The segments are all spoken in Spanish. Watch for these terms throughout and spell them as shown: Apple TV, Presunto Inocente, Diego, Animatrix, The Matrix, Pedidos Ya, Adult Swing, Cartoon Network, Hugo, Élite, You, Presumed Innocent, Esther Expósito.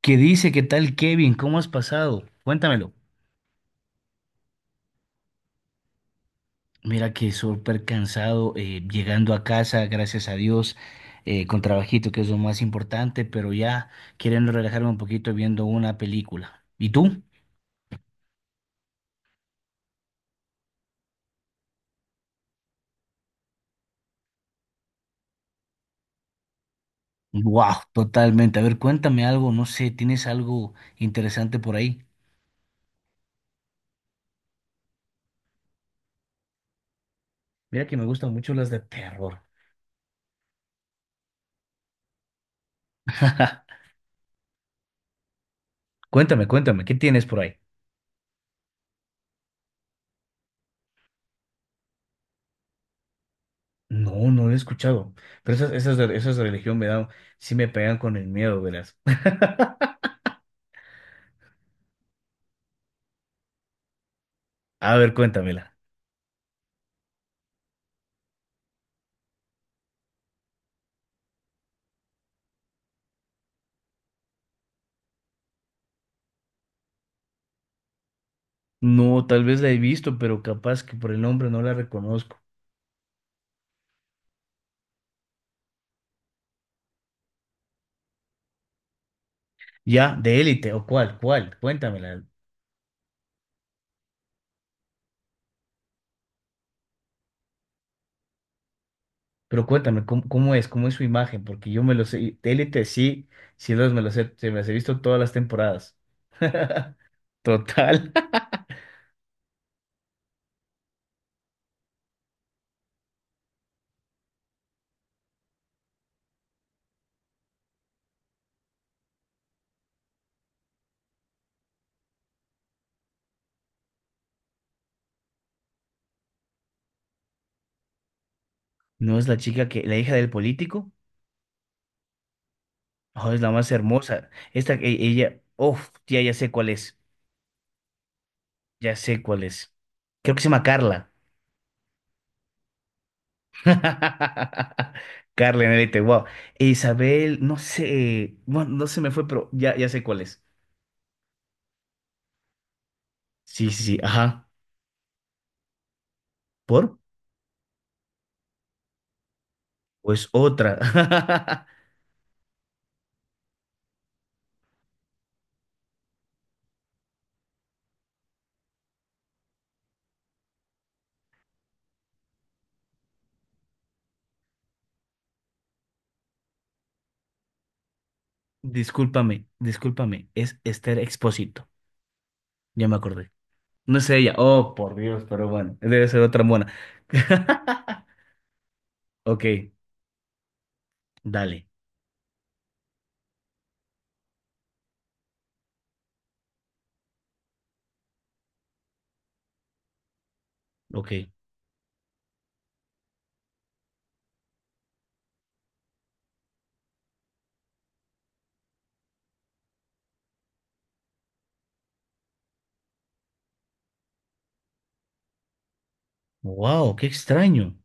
¿Qué dice? ¿Qué tal, Kevin? ¿Cómo has pasado? Cuéntamelo. Mira que súper cansado, llegando a casa, gracias a Dios, con trabajito, que es lo más importante, pero ya queriendo relajarme un poquito viendo una película. ¿Y tú? Wow, totalmente. A ver, cuéntame algo, no sé, ¿tienes algo interesante por ahí? Mira que me gustan mucho las de terror. Cuéntame, cuéntame, ¿qué tienes por ahí? No, no lo he escuchado, pero esas de religión me dan, sí me pegan con el miedo, verás. A ver, cuéntamela. No, tal vez la he visto, pero capaz que por el nombre no la reconozco. Ya, de Élite, ¿o cuál? ¿Cuál? Cuéntamela. Pero cuéntame, ¿cómo es? ¿Cómo es su imagen? Porque yo me lo sé. De Élite sí, sí los me los he, se me las he visto todas las temporadas. Total. ¿No es la chica que, la hija del político? Oh, es la más hermosa. Esta, ella, uff, ya sé cuál es. Ya sé cuál es. Creo que se llama Carla. Carla en Élite, wow. E Isabel, no sé, bueno, no se me fue, pero ya sé cuál es. Sí, sí, sí, ajá. ¿Por? Pues otra. Discúlpame, discúlpame, es Esther Expósito. Ya me acordé. No es ella. Oh, por Dios, pero bueno, debe ser otra mona. Ok, dale, ok. Wow, qué extraño.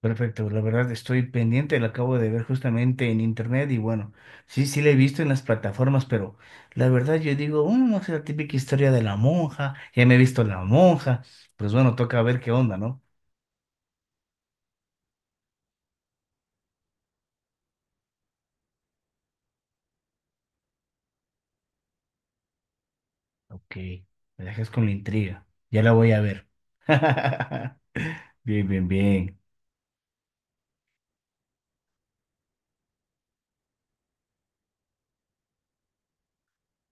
Perfecto, la verdad estoy pendiente, la acabo de ver justamente en internet y bueno, sí, sí la he visto en las plataformas, pero la verdad yo digo, "Mm, no sé, la típica historia de la monja, ya me he visto la monja, pues bueno, toca ver qué onda, ¿no?". Ok, me dejas con la intriga, ya la voy a ver. Bien, bien, bien.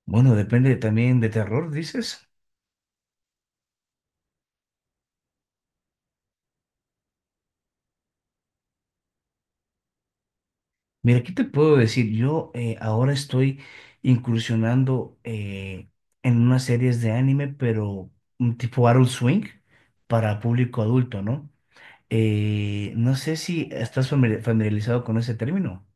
Bueno, depende también de terror, dices. Mira, ¿qué te puedo decir? Yo ahora estoy incursionando en unas series de anime, pero un tipo Adult Swing para público adulto, ¿no? No sé si estás familiarizado con ese término.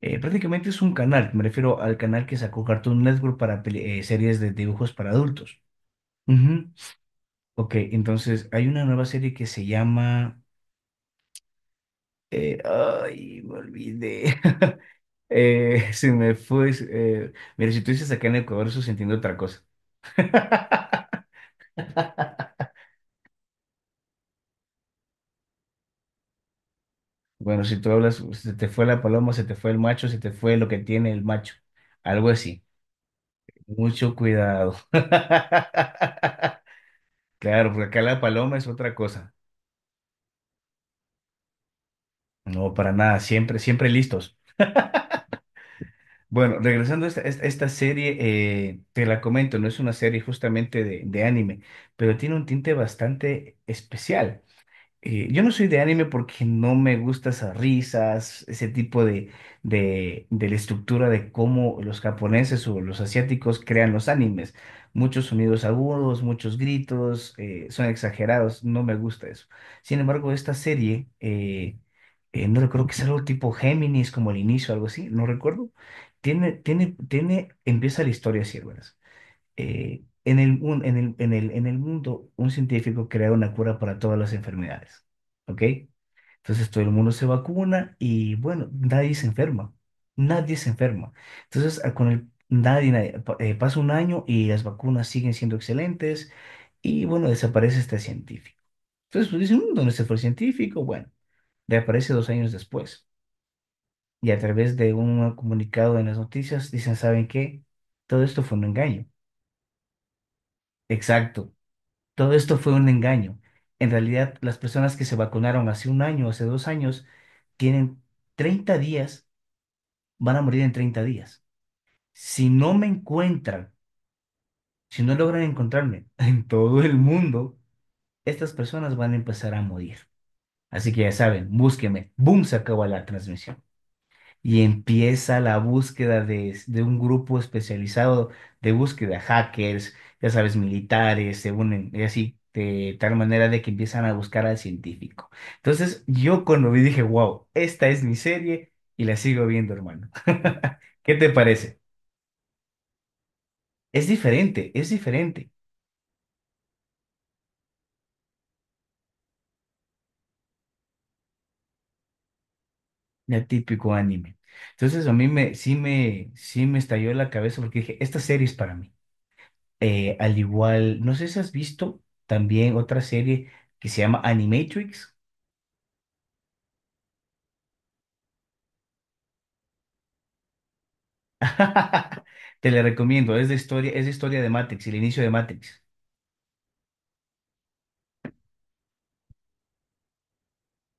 Prácticamente es un canal, me refiero al canal que sacó Cartoon Network para series de dibujos para adultos. Ujú. Ok, entonces hay una nueva serie que se llama... ay, me olvidé. Se me fue. Mira, si tú dices acá en Ecuador, eso se entiende otra cosa. Bueno, si tú hablas, se te fue la paloma, se te fue el macho, se te fue lo que tiene el macho. Algo así. Mucho cuidado. Claro, porque acá la paloma es otra cosa. No, para nada. Siempre, siempre listos. Bueno, regresando a esta serie, te la comento, no es una serie justamente de anime, pero tiene un tinte bastante especial. Yo no soy de anime porque no me gustan esas risas, ese tipo de la estructura de cómo los japoneses o los asiáticos crean los animes. Muchos sonidos agudos, muchos gritos, son exagerados, no me gusta eso. Sin embargo, esta serie, no recuerdo, que es algo tipo Géminis, como el inicio, algo así, no recuerdo. Tiene, empieza la historia así, hermanas en el, mun- en el, en el, en el mundo, un científico crea una cura para todas las enfermedades, ¿ok? Entonces todo el mundo se vacuna y bueno, nadie se enferma, nadie se enferma. Entonces a- con el, nadie, nadie- pa- pasa un año y las vacunas siguen siendo excelentes y bueno, desaparece este científico. Entonces pues, dicen, "Mm, ¿dónde se fue el científico?". Bueno, reaparece 2 años después y a través de un comunicado en las noticias dicen, ¿saben qué? Todo esto fue un engaño. Exacto. Todo esto fue un engaño. En realidad, las personas que se vacunaron hace un año, hace 2 años, tienen 30 días, van a morir en 30 días. Si no me encuentran, si no logran encontrarme en todo el mundo, estas personas van a empezar a morir. Así que ya saben, búsquenme. ¡Boom! Se acabó la transmisión. Y empieza la búsqueda de un grupo especializado de búsqueda, hackers, ya sabes, militares, se unen y así, de tal manera de que empiezan a buscar al científico. Entonces, yo cuando vi dije, wow, esta es mi serie y la sigo viendo, hermano. ¿Qué te parece? Es diferente del típico anime. Entonces, a mí me, sí me, sí me estalló la cabeza porque dije, esta serie es para mí. Al igual, no sé si has visto también otra serie que se llama Animatrix. Te la recomiendo, es de historia de Matrix, el inicio de Matrix.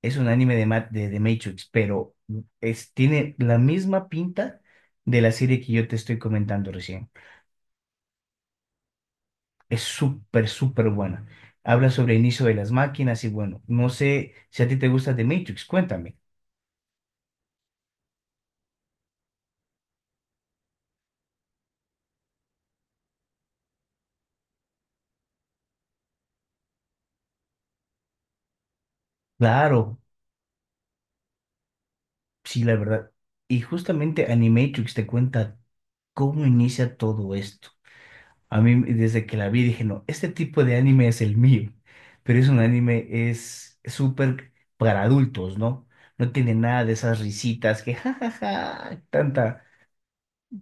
Es un anime de Matrix, pero es, tiene la misma pinta de la serie que yo te estoy comentando recién. Es súper, súper buena. Habla sobre el inicio de las máquinas y bueno, no sé si a ti te gusta The Matrix, cuéntame. Claro, sí, la verdad. Y justamente Animatrix te cuenta ¿cómo inicia todo esto? A mí, desde que la vi, dije, no, este tipo de anime es el mío, pero es un anime, es súper para adultos, ¿no? No tiene nada de esas risitas que, jajaja, tanta,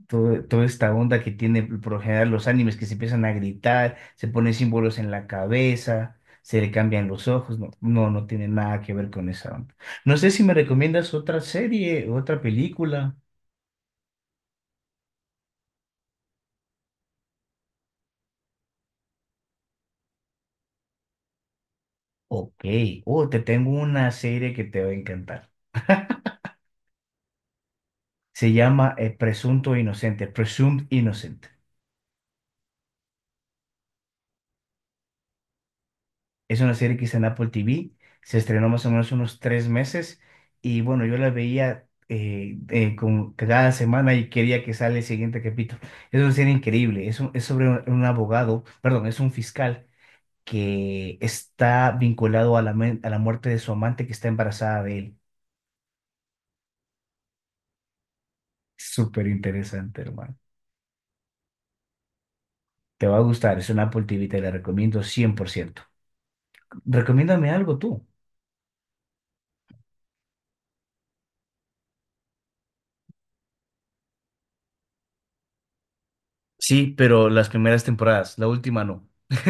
toda esta onda que tiene por lo general los animes, que se empiezan a gritar, se ponen símbolos en la cabeza, se le cambian los ojos, no, no, no tiene nada que ver con esa onda. No sé si me recomiendas otra serie, otra película. Ok, oh, te tengo una serie que te va a encantar. Se llama Presunto Inocente, Presumed Innocent. Es una serie que está en Apple TV. Se estrenó más o menos unos 3 meses. Y bueno, yo la veía cada semana y quería que sale el siguiente capítulo. Es una serie increíble. Es sobre un, abogado, perdón, es un fiscal que está vinculado a a la muerte de su amante que está embarazada de él. Súper interesante, hermano. Te va a gustar. Es una Apple TV, te la recomiendo 100%. Recomiéndame algo tú. Sí, pero las primeras temporadas, la última no.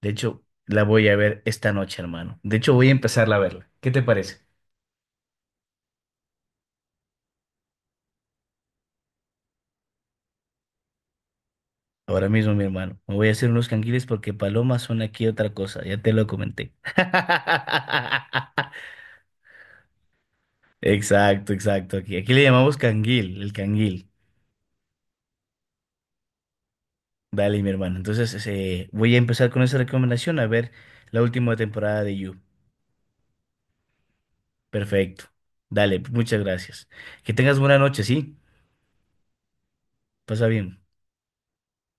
De hecho, la voy a ver esta noche, hermano. De hecho, voy a empezarla a verla. ¿Qué te parece? Ahora mismo, mi hermano. Me voy a hacer unos canguiles porque palomas son aquí otra cosa. Ya te lo comenté. Exacto, exacto. Aquí, aquí le llamamos canguil, el canguil. Dale, mi hermano. Entonces, voy a empezar con esa recomendación a ver la última temporada de You. Perfecto. Dale, muchas gracias. Que tengas buena noche, ¿sí? Pasa bien.